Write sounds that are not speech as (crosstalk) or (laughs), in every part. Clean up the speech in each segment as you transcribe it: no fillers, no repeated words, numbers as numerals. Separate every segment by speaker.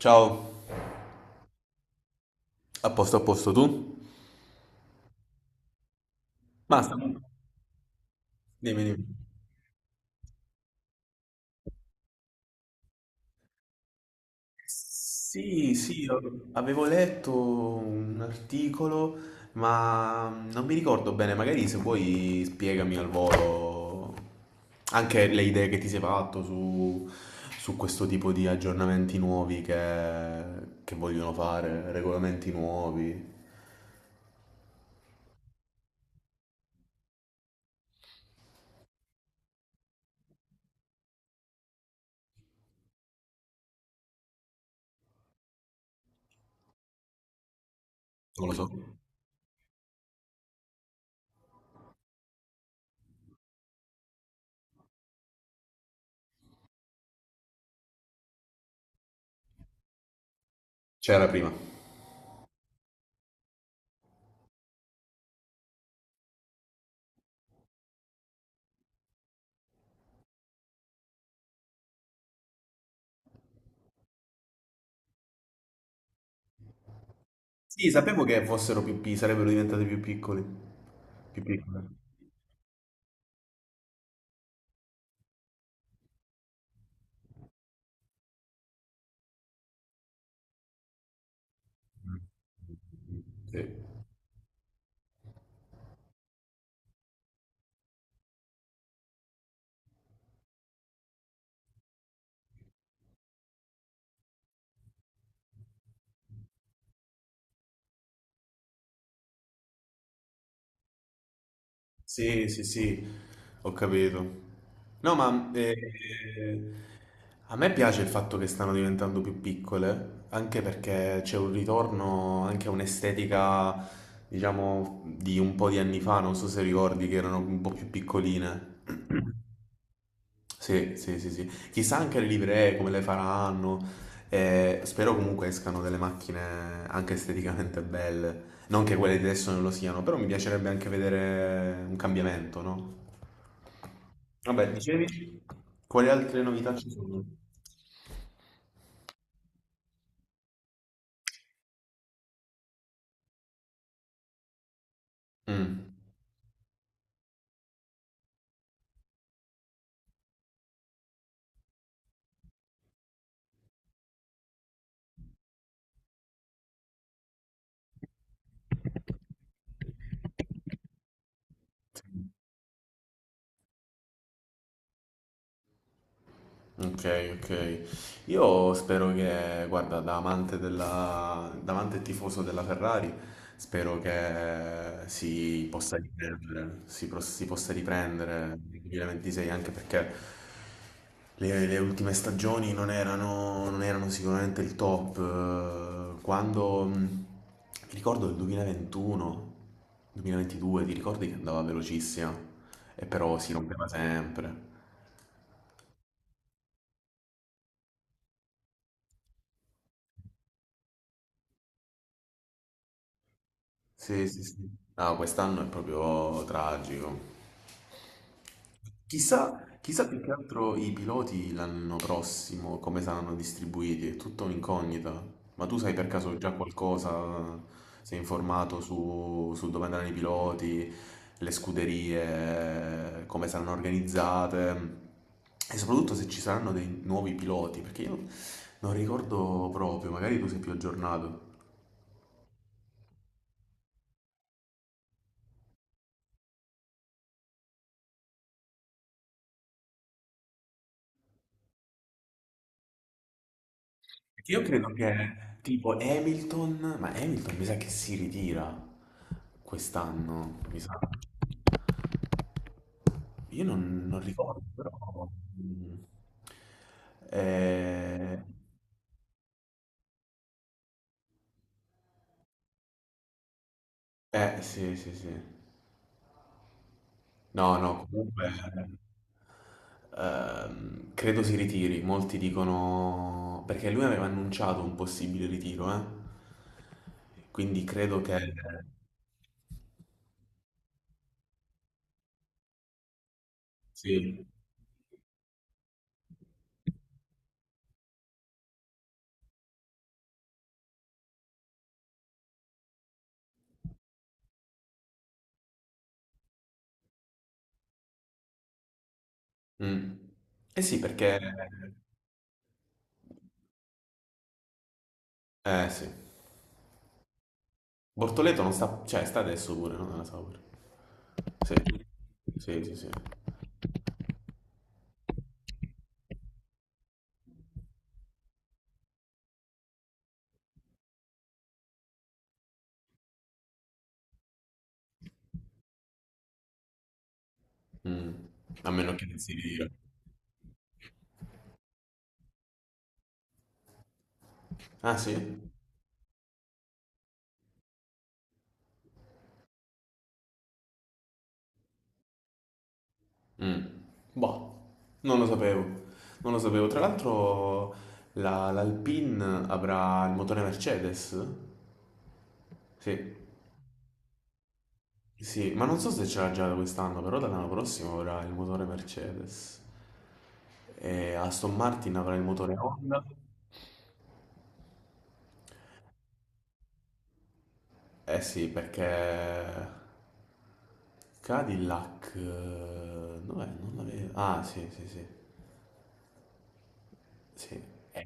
Speaker 1: Ciao, a posto, a posto, tu? Ma dimmi, dimmi. Sì, sì, avevo letto un articolo, ma non mi ricordo bene, magari se vuoi spiegami al volo anche le idee che ti sei fatto su, su questo tipo di aggiornamenti nuovi che vogliono fare, regolamenti nuovi. Non lo so. C'era prima. Sì, sapevo che fossero più, sarebbero diventati più piccoli. Più piccole. Sì, sì, sì, sì, ho capito. No, ma a me piace il fatto che stanno diventando più piccole, anche perché c'è un ritorno anche a un'estetica, diciamo, di un po' di anni fa, non so se ricordi che erano un po' più piccoline. Sì, sì, sì, sì. Chissà anche le livree come le faranno. Spero comunque escano delle macchine anche esteticamente belle. Non che quelle di adesso non lo siano, però mi piacerebbe anche vedere un cambiamento, no? Vabbè, dicevi? Quali altre novità ci sono? Mm. Ok, ok. Io spero che, guarda, da amante e tifoso della Ferrari, spero che si possa riprendere, si, si possa riprendere nel 2026, anche perché le ultime stagioni non erano sicuramente il top. Quando, mi ricordo il 2021, 2022, ti ricordi che andava velocissima e però si rompeva sempre. Sì, sì, sì. No, quest'anno è proprio tragico. Chissà, chissà più che altro i piloti l'anno prossimo come saranno distribuiti, è tutta un'incognita. Ma tu sai per caso già qualcosa? Sei informato su, su dove andranno i piloti, le scuderie, come saranno organizzate e soprattutto se ci saranno dei nuovi piloti, perché io non ricordo proprio, magari tu sei più aggiornato. Perché io credo che tipo Hamilton, ma Hamilton mi sa che si ritira quest'anno, mi sa. Io non, non ricordo, però... mm, eh, sì, sì, sì. No, no, comunque... credo si ritiri, molti dicono... Perché lui aveva annunciato un possibile ritiro, eh? Quindi credo che... Sì. Mm. Eh sì, perché eh sì. Bortoleto non sta, cioè sta adesso pure, no? Nella Saur. Sì, sì, sì, sì. Mm. A meno che non si ritira. Ah sì? Mm. Boh, non lo sapevo. Non lo sapevo. Tra l'altro l'Alpine avrà il motore Mercedes? Sì. Sì, ma non so se ce l'ha già da quest'anno, però dall'anno prossimo avrà il motore Mercedes. E Aston Martin avrà il motore Honda. Eh sì, perché Cadillac, dov'è? Non la vedo. Ah, sì, sì, sì, sì. Eh,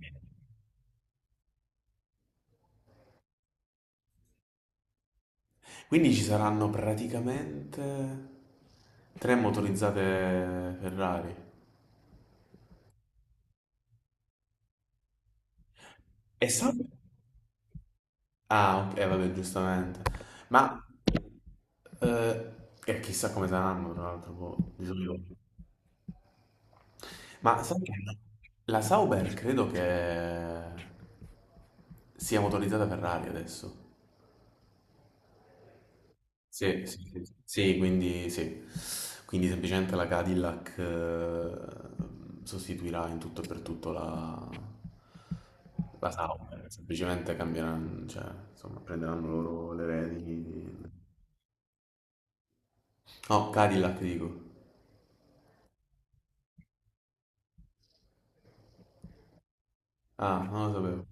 Speaker 1: quindi ci saranno praticamente tre motorizzate Ferrari. E sa- Ah, ok, vabbè, giustamente. Ma eh, chissà come saranno, tra l'altro, boh, di solito. Ma sai che la Sauber credo che sia motorizzata Ferrari adesso. Sì, sì, sì, sì. Sì. Quindi semplicemente la Cadillac sostituirà in tutto e per tutto la Sauber, semplicemente cambieranno, cioè, insomma, prenderanno loro le redini. No, Cadillac dico. Ah, non lo sapevo.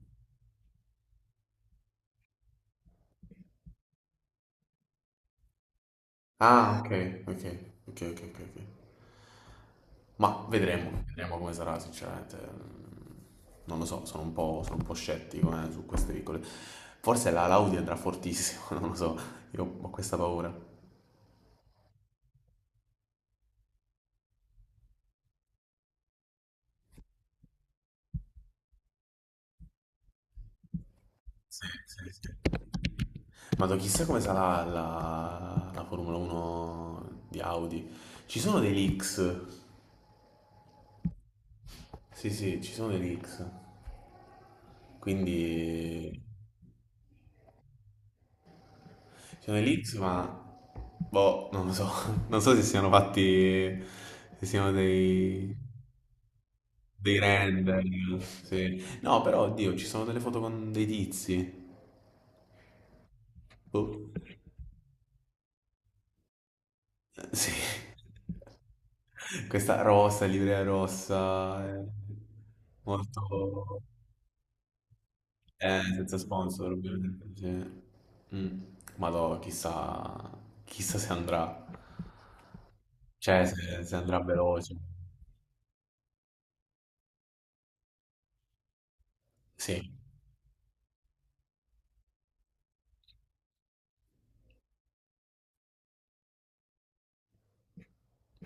Speaker 1: Ah, ok, ok, ok, ok, ok, ok. Ma vedremo, vedremo come sarà, sinceramente. Mm, non lo so, sono un po' scettico su queste piccole. Forse la Laudi andrà fortissimo, (laughs) non lo so, io ho questa paura. Sì, sì, sì. Ma chissà come sarà la Formula 1 di Audi. Ci sono dei leaks, sì, sì, ci sono dei leaks. Quindi ci sono dei leaks, ma boh, non lo so, (laughs) non so se siano fatti, se siano dei render, sì. No, però, oddio, ci sono delle foto con dei tizi. Boh. Sì. Questa rossa, livrea rossa, molto... senza sponsor, ovviamente. Sì. Mm. Ma no, chissà, chissà se andrà. Cioè, se andrà veloce. Sì,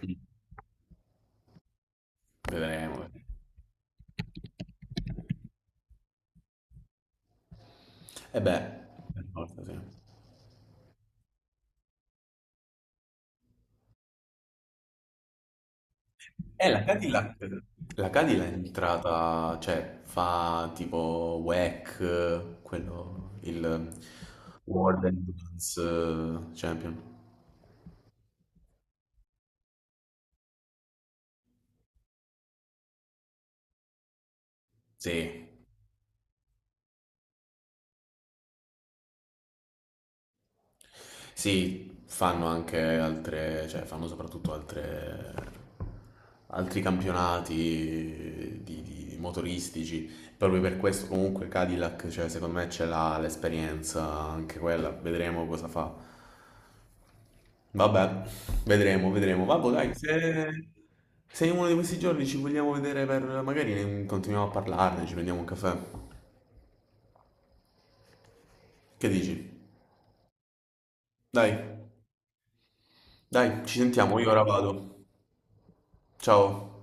Speaker 1: mm, vedremo. E beh, per forza, sì. Eh, la Cadillac, la Cadillac è entrata, cioè fa tipo WEC, quello, il World Endurance Champion. Sì, sì, fanno anche altre, altri campionati di motoristici. Proprio per questo comunque Cadillac, cioè, secondo me ce l'ha l'esperienza anche quella, vedremo cosa fa. Vabbè, vedremo, vedremo. Vabbè, dai, se in uno di questi giorni ci vogliamo vedere per... magari continuiamo a parlarne, ci prendiamo un caffè. Che dici? Dai, dai, ci sentiamo, io ora vado. Ciao.